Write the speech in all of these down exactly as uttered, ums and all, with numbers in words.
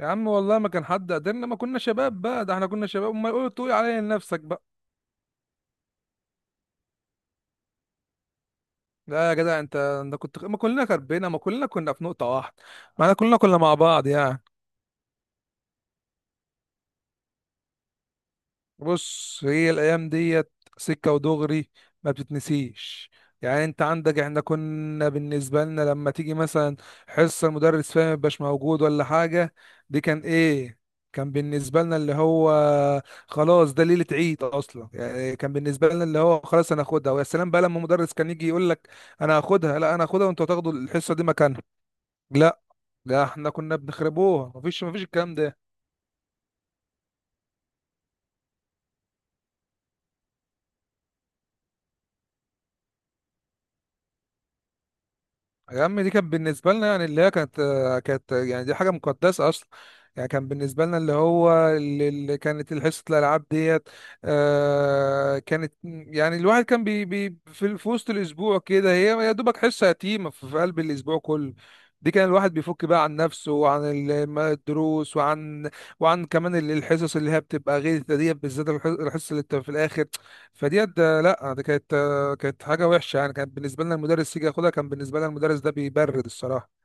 يا عم، والله ما كان حد قدرنا. ما كنا شباب بقى؟ ده احنا كنا شباب، امال! قول تقول عليا لنفسك بقى. لا يا جدع، انت انت كنت، ما كلنا كربنا ما كلنا كنا في نقطة واحدة. ما احنا كلنا كنا مع بعض يعني. بص، هي الايام ديت سكه ودغري، ما بتتنسيش. يعني انت عندك، احنا كنا بالنسبه لنا لما تيجي مثلا حصه المدرس فيها ما يبقاش موجود ولا حاجه، دي كان ايه؟ كان بالنسبه لنا اللي هو خلاص، ده ليله عيد اصلا يعني. كان بالنسبه لنا اللي هو خلاص، انا هاخدها. ويا سلام بقى لما مدرس كان يجي يقول لك: انا هاخدها، لا انا هاخدها وانتوا هتاخدوا الحصه دي مكانها. لا، لا، احنا كنا بنخربوها. مفيش مفيش الكلام ده. يا عم، دي كانت بالنسبة لنا يعني اللي هي كانت كانت يعني. دي حاجة مقدسة أصلا. يعني كان بالنسبة لنا اللي هو، اللي اللي كانت حصة الألعاب ديت. آه، كانت يعني الواحد كان بي بي في في وسط الأسبوع كده. هي يا دوبك حصة يتيمة في في قلب الأسبوع كله. دي كان الواحد بيفك بقى عن نفسه وعن ال- ما- الدروس وعن وعن كمان ال- الحصص اللي هي بتبقى غير ديت، بالذات الح- الحصة اللي بتبقى في الآخر. فديت ده، لا، دي كانت كانت حاجه وحشه يعني. كان بالنسبه لنا المدرس يجي ياخدها، كان بالنسبه لنا المدرس ده بيبرد الصراحه.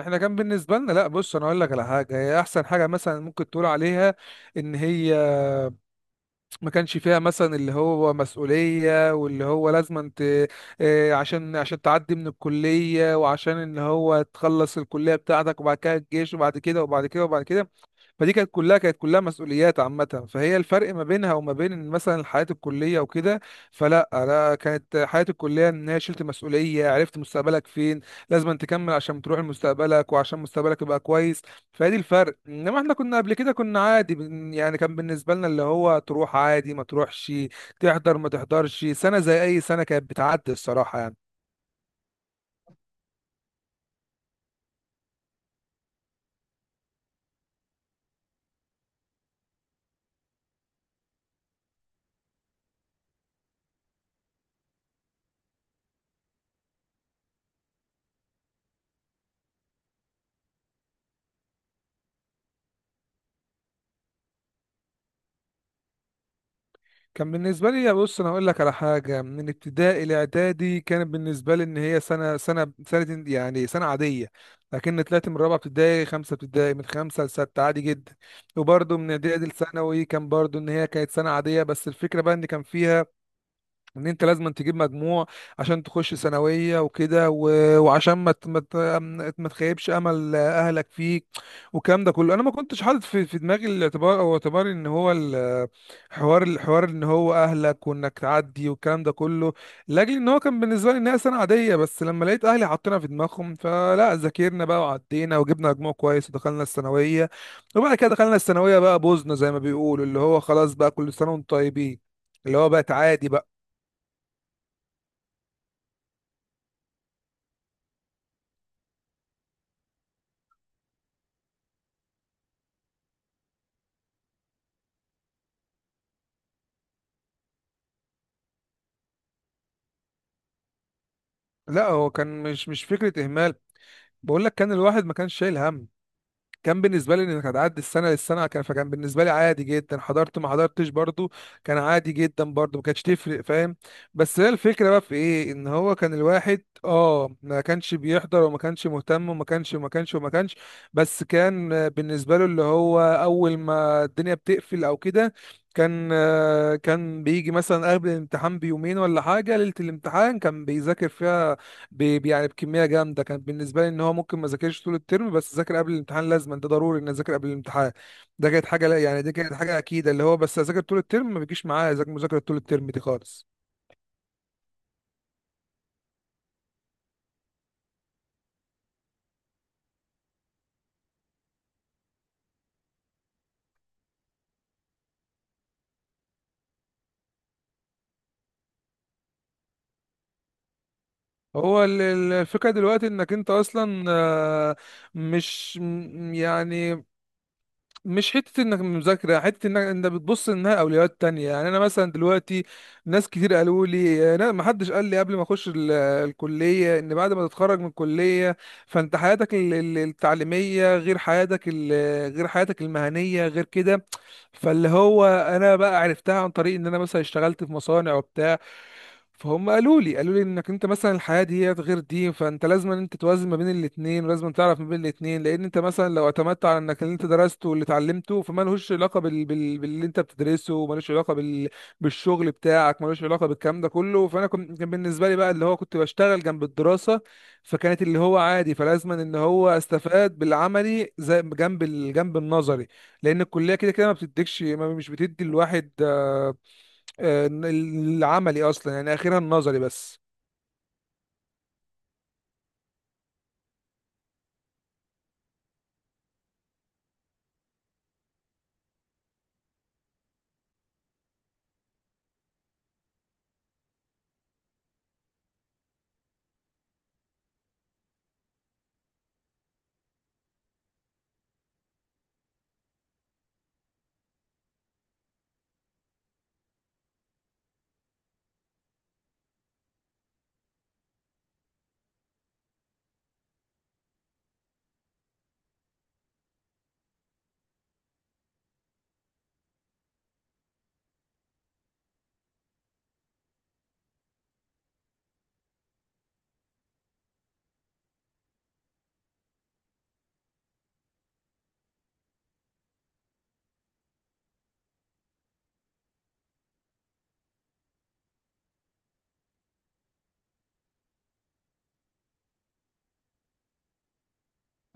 احنا كان بالنسبه لنا، لا بص انا اقول لك على حاجه. هي احسن حاجه مثلا ممكن تقول عليها، ان هي ما كانش فيها مثلا اللي هو مسؤوليه، واللي هو لازم انت، آه، عشان عشان تعدي من الكليه، وعشان ان هو تخلص الكليه بتاعتك، وبعد كده الجيش وبعد كده وبعد كده وبعد كده. فدي كانت كلها كانت كلها مسؤوليات عامة. فهي الفرق ما بينها وما بين مثلا الحياة الكلية وكده. فلا، أنا كانت حياة الكلية إن هي شلت مسؤولية، عرفت مستقبلك فين، لازم أن تكمل عشان تروح لمستقبلك وعشان مستقبلك يبقى كويس. فدي الفرق. إنما إحنا كنا قبل كده كنا عادي بن- يعني كان بالنسبة لنا اللي هو تروح عادي ما تروحش، تحضر ما تحضرش، سنة زي أي سنة كانت بتعدي الصراحة يعني. كان بالنسبة لي، بص أنا هقول لك على حاجة، من ابتدائي لإعدادي كانت بالنسبة لي إن هي سنة سنة سنة يعني سنة عادية. لكن طلعت من رابعة ابتدائي، خمسة ابتدائي، من خمسة لستة عادي جدا. وبرضه من إعدادي لثانوي كان برضه إن هي كانت سنة عادية. بس الفكرة بقى إن كان فيها ان انت لازم تجيب مجموع عشان تخش ثانويه وكده و- وعشان ما ت- ما ت- ما تخيبش امل اهلك فيك، والكلام ده كله انا ما كنتش حاطط في في دماغي الاعتبار او اعتبار ان هو ال- حوار الحوار ان هو اهلك وانك تعدي والكلام ده كله. لاجل ان هو كان بالنسبه لي انها سنه عاديه، بس لما لقيت اهلي حاطينها في دماغهم، فلا، ذاكرنا بقى وعدينا وجبنا مجموع كويس ودخلنا الثانويه. وبعد كده دخلنا الثانويه بقى، بوزنا زي ما بيقولوا، اللي هو خلاص بقى كل سنه وانتم طيبين. اللي هو بقت عادي بقى. لا، هو كان مش مش فكرة إهمال. بقول لك، كان الواحد ما كانش شايل هم. كان بالنسبة لي إنك هتعدي السنة للسنة. كان فكان بالنسبة لي عادي جدا، حضرت ما حضرتش برضو كان عادي جدا، برضو ما كانتش تفرق، فاهم؟ بس هي الفكرة بقى في إيه؟ إن هو كان الواحد آه ما كانش بيحضر وما كانش مهتم وما كانش وما كانش وما كانش. بس كان آه، بالنسبة له اللي هو أول ما الدنيا بتقفل أو كده، كان آه، كان بيجي مثلا قبل الامتحان بيومين ولا حاجة. ليلة الامتحان كان بيذاكر فيها ب- يعني بكميه جامده. كان بالنسبه لي ان هو ممكن ما ذاكرش طول الترم، بس ذاكر قبل الامتحان، لازما ده ضروري ان اذاكر قبل الامتحان. ده كانت حاجه، لا يعني دي كانت حاجه اكيده. اللي هو بس اذاكر طول الترم ما بيجيش معايا، اذاكر مذاكره طول الترم دي خالص. هو ال- ال- الفكره دلوقتي انك انت اصلا، آه، مش م- يعني مش حتة انك مذاكرة، حتة انك انت بتبص انها اولويات تانية. يعني انا مثلا دلوقتي، ناس كتير قالوا لي، انا ما حدش قال لي قبل ما اخش ال- الكلية ان بعد ما تتخرج من الكلية، فانت حياتك ال- ال- التعليمية غير حياتك ال- غير حياتك المهنية، غير كده. فاللي هو انا بقى عرفتها عن طريق ان انا مثلا اشتغلت في مصانع وبتاع. فهم قالوا لي قالوا لي انك انت مثلا الحياه دي غير دي. فانت لازم ان انت توازن ما بين الاثنين، ولازم تعرف ما بين الاثنين، لان انت مثلا لو اعتمدت على انك اللي انت درسته واللي اتعلمته، فما لهوش علاقه بال... بال... باللي انت بتدرسه، ومالوش علاقه بال... بالشغل بتاعك، مالوش علاقه بالكلام ده كله. فانا كنت كان بالنسبه لي بقى اللي هو كنت بشتغل جنب الدراسه، فكانت اللي هو عادي، فلازم ان هو استفاد بالعملي زي جنب ال... جنب النظري. لان الكليه كده كده ما بتديكش ما مش بتدي الواحد آه، العملي اصلا، يعني اخيرا النظري بس.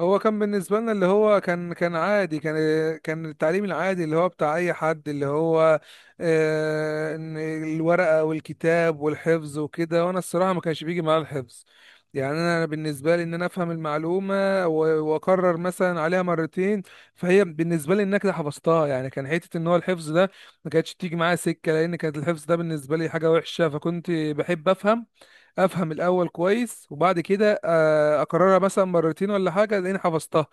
هو كان بالنسبه لنا اللي هو كان كان عادي، كان كان التعليم العادي اللي هو بتاع اي حد، اللي هو آه، إن الورقه والكتاب والحفظ وكده. وانا الصراحه ما كانش بيجي معايا الحفظ. يعني انا بالنسبه لي ان انا افهم المعلومه و- واكرر مثلا عليها مرتين، فهي بالنسبه لي ان انا كده حفظتها يعني. كان حته ان هو الحفظ ده ما كانتش تيجي معايا سكه، لان كانت الحفظ ده بالنسبه لي حاجه وحشه. فكنت بحب افهم افهم الاول كويس، وبعد كده آه، اكررها مثلا مرتين ولا حاجه لاني حفظتها.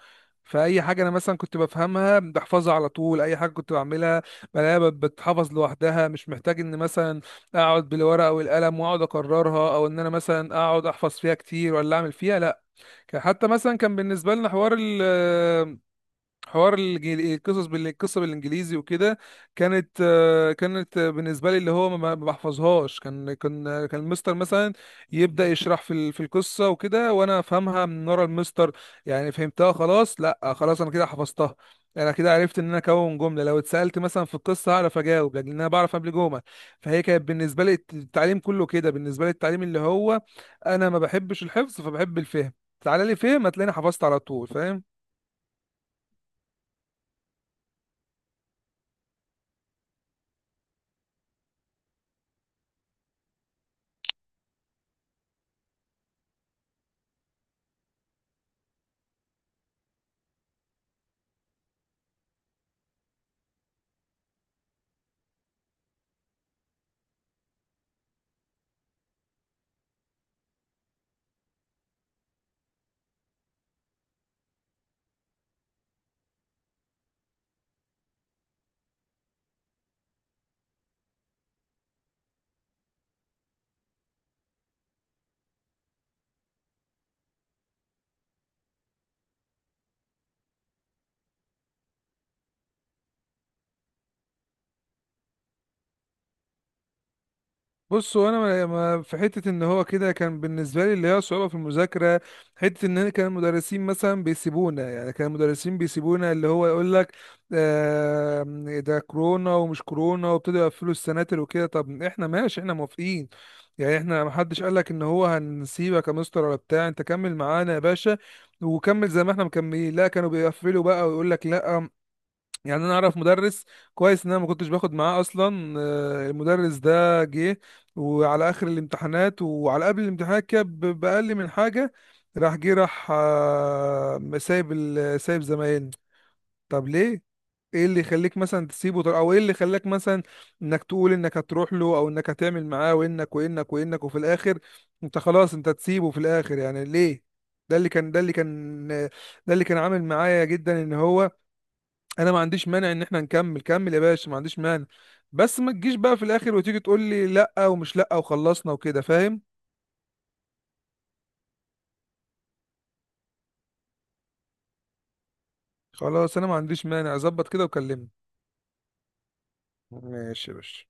فاي حاجه انا مثلا كنت بفهمها بحفظها على طول. اي حاجه كنت بعملها بلاقيها بت- بتحفظ لوحدها، مش محتاج ان مثلا اقعد بالورقه والقلم واقعد اكررها، او ان انا مثلا اقعد احفظ فيها كتير ولا اعمل فيها، لا. كان- حتى مثلا كان بالنسبه لنا حوار حوار الإنجلي- القصص بال- القصه بالانجليزي وكده. كانت آه، كانت آه، بالنسبه لي اللي هو ما ما بحفظهاش. كان كان كان المستر مثلا يبدا يشرح في ال- في القصه وكده، وانا افهمها من ورا المستر. يعني فهمتها خلاص، لا خلاص انا كده حفظتها. انا كده عرفت ان انا اكون جمله، لو اتسالت مثلا في القصه هعرف اجاوب، لان انا بعرف قبل جمل. فهي كانت بالنسبه لي الت- التعليم كله كده. بالنسبه لي التعليم اللي هو انا ما بحبش الحفظ، فبحب الفهم. تعالى لي فهم، هتلاقيني حفظت على طول، فاهم؟ بص هو انا ما- ما- في حته ان هو كده كان بالنسبه لي اللي هي صعوبه في المذاكره. حته ان انا كان المدرسين مثلا بيسيبونا، يعني كان المدرسين بيسيبونا اللي هو يقول لك: آه، ده كورونا ومش كورونا، وابتدوا يقفلوا السناتر وكده. طب احنا ماشي، احنا موافقين. يعني احنا ما حدش قال لك ان هو هنسيبك يا مستر ولا بتاع، انت كمل معانا يا باشا وكمل زي ما احنا مكملين، لا كانوا بيقفلوا بقى ويقول لك لا. يعني انا اعرف مدرس كويس، ان انا ما كنتش باخد معاه اصلا. آه، المدرس ده جه وعلى اخر الامتحانات وعلى قبل الامتحانات كده ب- باقل من حاجه. راح جه راح، آه، سايب ال- سايب زمايلنا. طب ليه؟ ايه اللي يخليك مثلا تسيبه، طب- او ايه اللي خلاك مثلا انك تقول انك هتروح له او انك هتعمل معاه، وانك وانك وانك، وفي الاخر انت خلاص انت تسيبه في الاخر، يعني ليه؟ ده اللي كان ده اللي كان ده اللي كان عامل معايا جدا، ان هو انا ما عنديش مانع ان احنا نكمل. كمل يا باشا، ما عنديش مانع. بس ما تجيش بقى في الاخر وتيجي تقول لي لا، ومش لا، وخلصنا وكده، فاهم؟ خلاص، انا ما عنديش مانع، اظبط كده وكلمني. ماشي يا باشا.